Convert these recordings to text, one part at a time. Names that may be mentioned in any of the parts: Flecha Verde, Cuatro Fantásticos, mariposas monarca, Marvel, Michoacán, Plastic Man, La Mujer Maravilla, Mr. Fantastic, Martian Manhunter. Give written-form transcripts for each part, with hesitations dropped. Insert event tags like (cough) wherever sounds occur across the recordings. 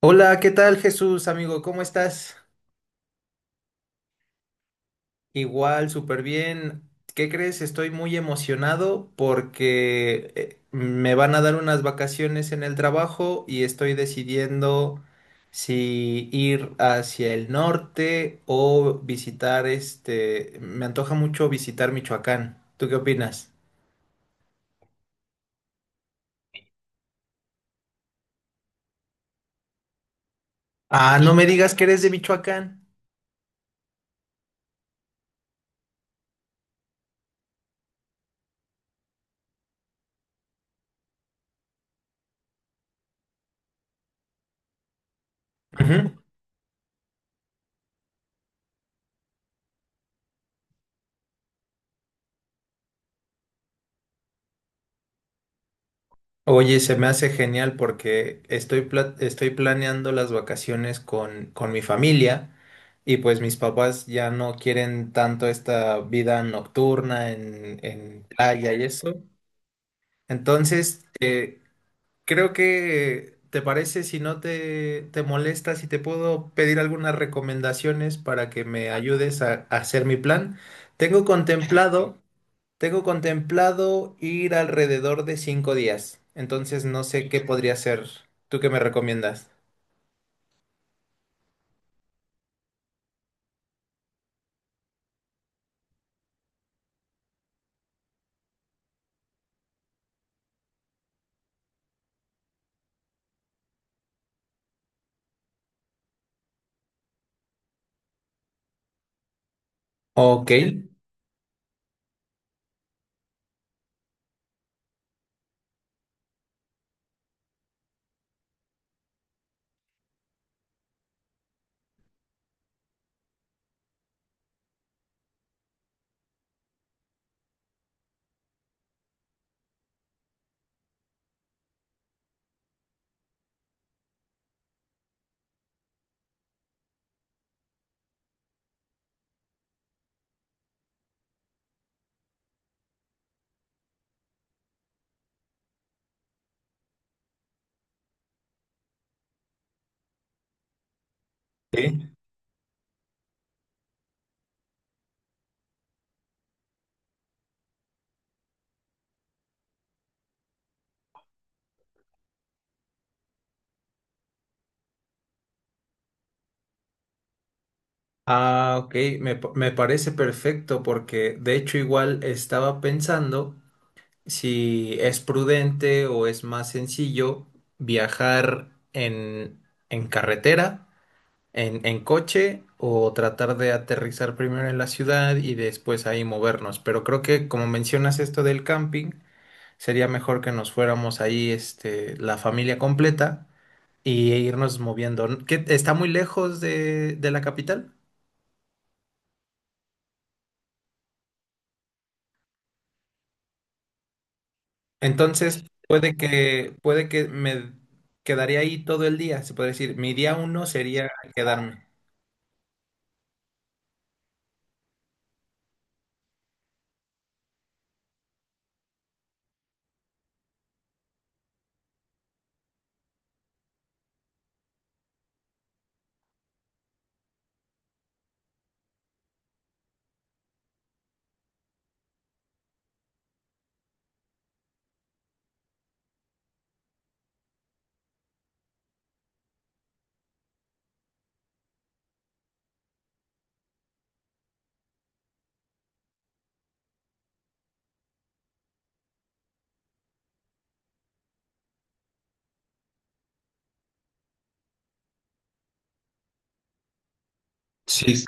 Hola, ¿qué tal, Jesús, amigo? ¿Cómo estás? Igual, súper bien. ¿Qué crees? Estoy muy emocionado porque me van a dar unas vacaciones en el trabajo y estoy decidiendo si ir hacia el norte o visitar Me antoja mucho visitar Michoacán. ¿Tú qué opinas? Ah, no me digas que eres de Michoacán. Ujú. Oye, se me hace genial porque estoy planeando las vacaciones con, mi familia y pues mis papás ya no quieren tanto esta vida nocturna en, playa y eso. Entonces, creo que, ¿te parece, si no te molesta, si te puedo pedir algunas recomendaciones para que me ayudes a hacer mi plan? Tengo contemplado. Tengo contemplado ir alrededor de 5 días, entonces no sé qué podría hacer. ¿Tú qué me recomiendas? Ok. Sí. Ah, ok, me parece perfecto porque de hecho igual estaba pensando si es prudente o es más sencillo viajar en, carretera, en, coche o tratar de aterrizar primero en la ciudad y después ahí movernos. Pero creo que como mencionas esto del camping, sería mejor que nos fuéramos ahí, este, la familia completa y irnos moviendo, ¿no? ¿Qué, está muy lejos de, la capital? Entonces, puede que me quedaría ahí todo el día, se puede decir. Mi día 1 sería quedarme. Sí,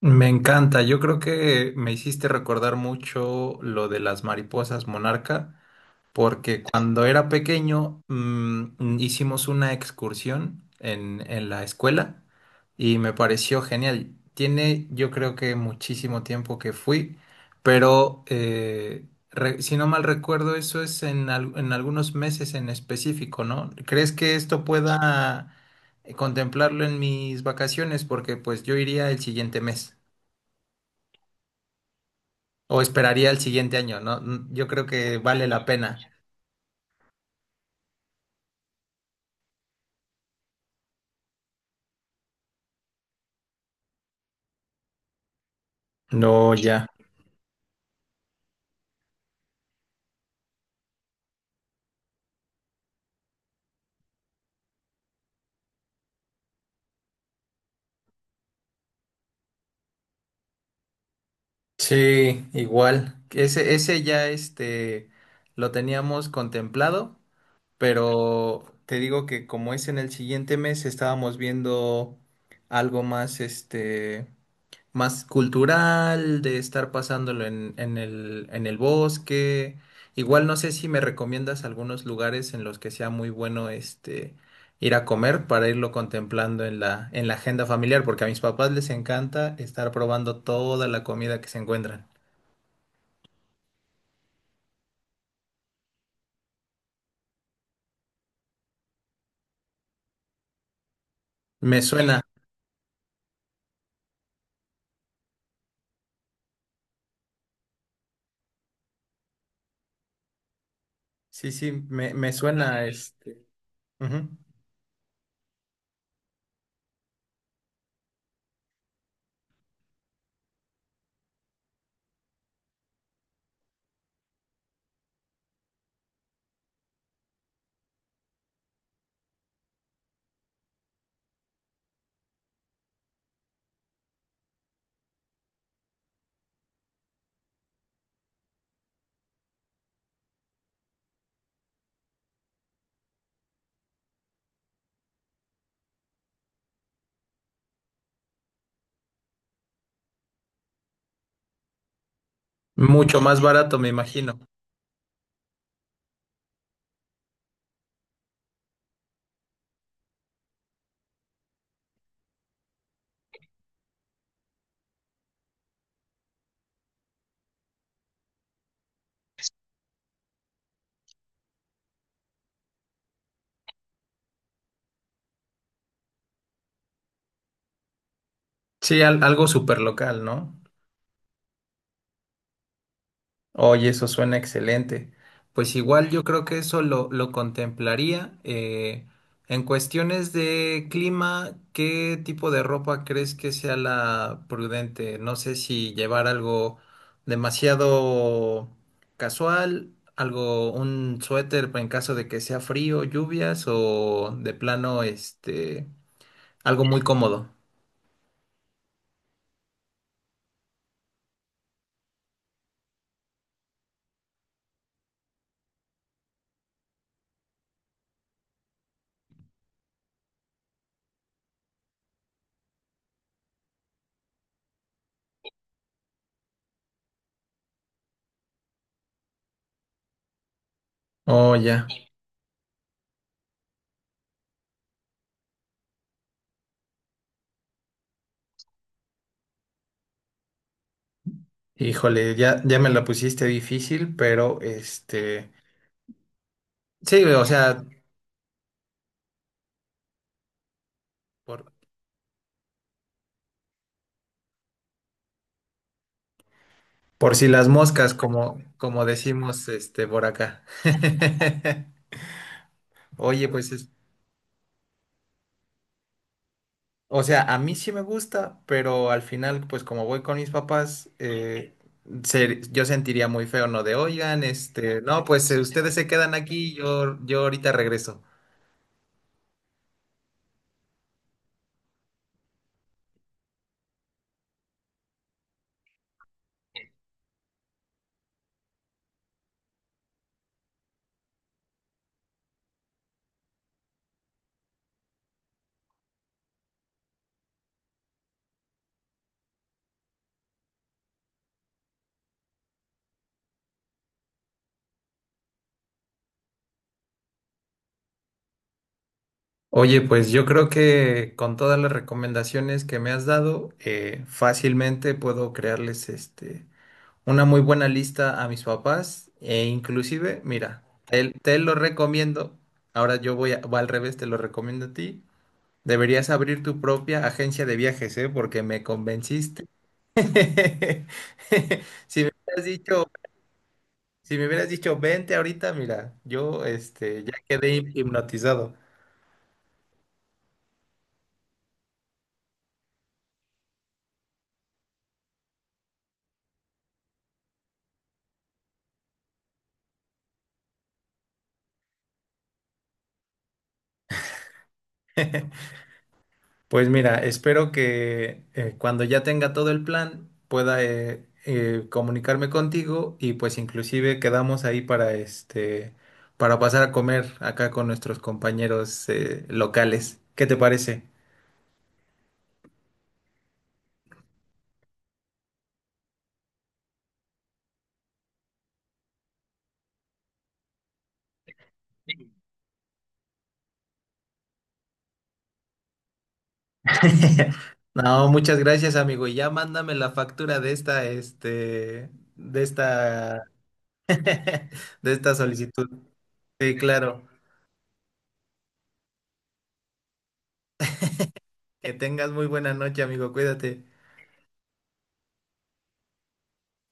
me encanta. Yo creo que me hiciste recordar mucho lo de las mariposas monarca, porque cuando era pequeño hicimos una excursión en, la escuela y me pareció genial. Tiene, yo creo que, muchísimo tiempo que fui, pero si no mal recuerdo eso es en, en algunos meses en específico, ¿no? ¿Crees que esto pueda contemplarlo en mis vacaciones? Porque pues yo iría el siguiente mes o esperaría el siguiente año, ¿no? Mm, yo creo que vale la pena. No, ya. Sí, igual. Ese ya este lo teníamos contemplado, pero te digo que como es en el siguiente mes, estábamos viendo algo más este, más cultural, de estar pasándolo en el bosque. Igual no sé si me recomiendas algunos lugares en los que sea muy bueno este ir a comer para irlo contemplando en la agenda familiar, porque a mis papás les encanta estar probando toda la comida que se encuentran. Me suena, sí, sí, me suena, este, ujú. Mucho más barato, me imagino. Sí, algo súper local, ¿no? Oye, eso suena excelente. Pues igual yo creo que eso lo contemplaría. En cuestiones de clima, ¿qué tipo de ropa crees que sea la prudente? No sé si llevar algo demasiado casual, algo, un suéter en caso de que sea frío, lluvias o de plano, este, algo muy cómodo. Oh, ya. Híjole, ya, ya me la pusiste difícil, pero este. Sí, o sea, Por, por si las moscas, como, como decimos este, por acá. (laughs) Oye, pues es, o sea, a mí sí me gusta, pero al final, pues como voy con mis papás, se- yo sentiría muy feo, ¿no? De, oigan, este, no, pues ustedes se quedan aquí, yo ahorita regreso. Oye, pues yo creo que con todas las recomendaciones que me has dado, fácilmente puedo crearles este una muy buena lista a mis papás e inclusive, mira, te lo recomiendo, ahora yo voy, va al revés, te lo recomiendo a ti, deberías abrir tu propia agencia de viajes, ¿eh? Porque me convenciste. (laughs) Si me hubieras dicho, si me hubieras dicho, vente ahorita, mira, yo este, ya quedé hipnotizado. Pues mira, espero que, cuando ya tenga todo el plan, pueda, comunicarme contigo y pues inclusive quedamos ahí para este, para pasar a comer acá con nuestros compañeros, locales. ¿Qué te parece? (laughs) No, muchas gracias, amigo. Y ya mándame la factura de esta, este, de esta (laughs) de esta solicitud. Sí, claro. Que tengas muy buena noche, amigo. Cuídate.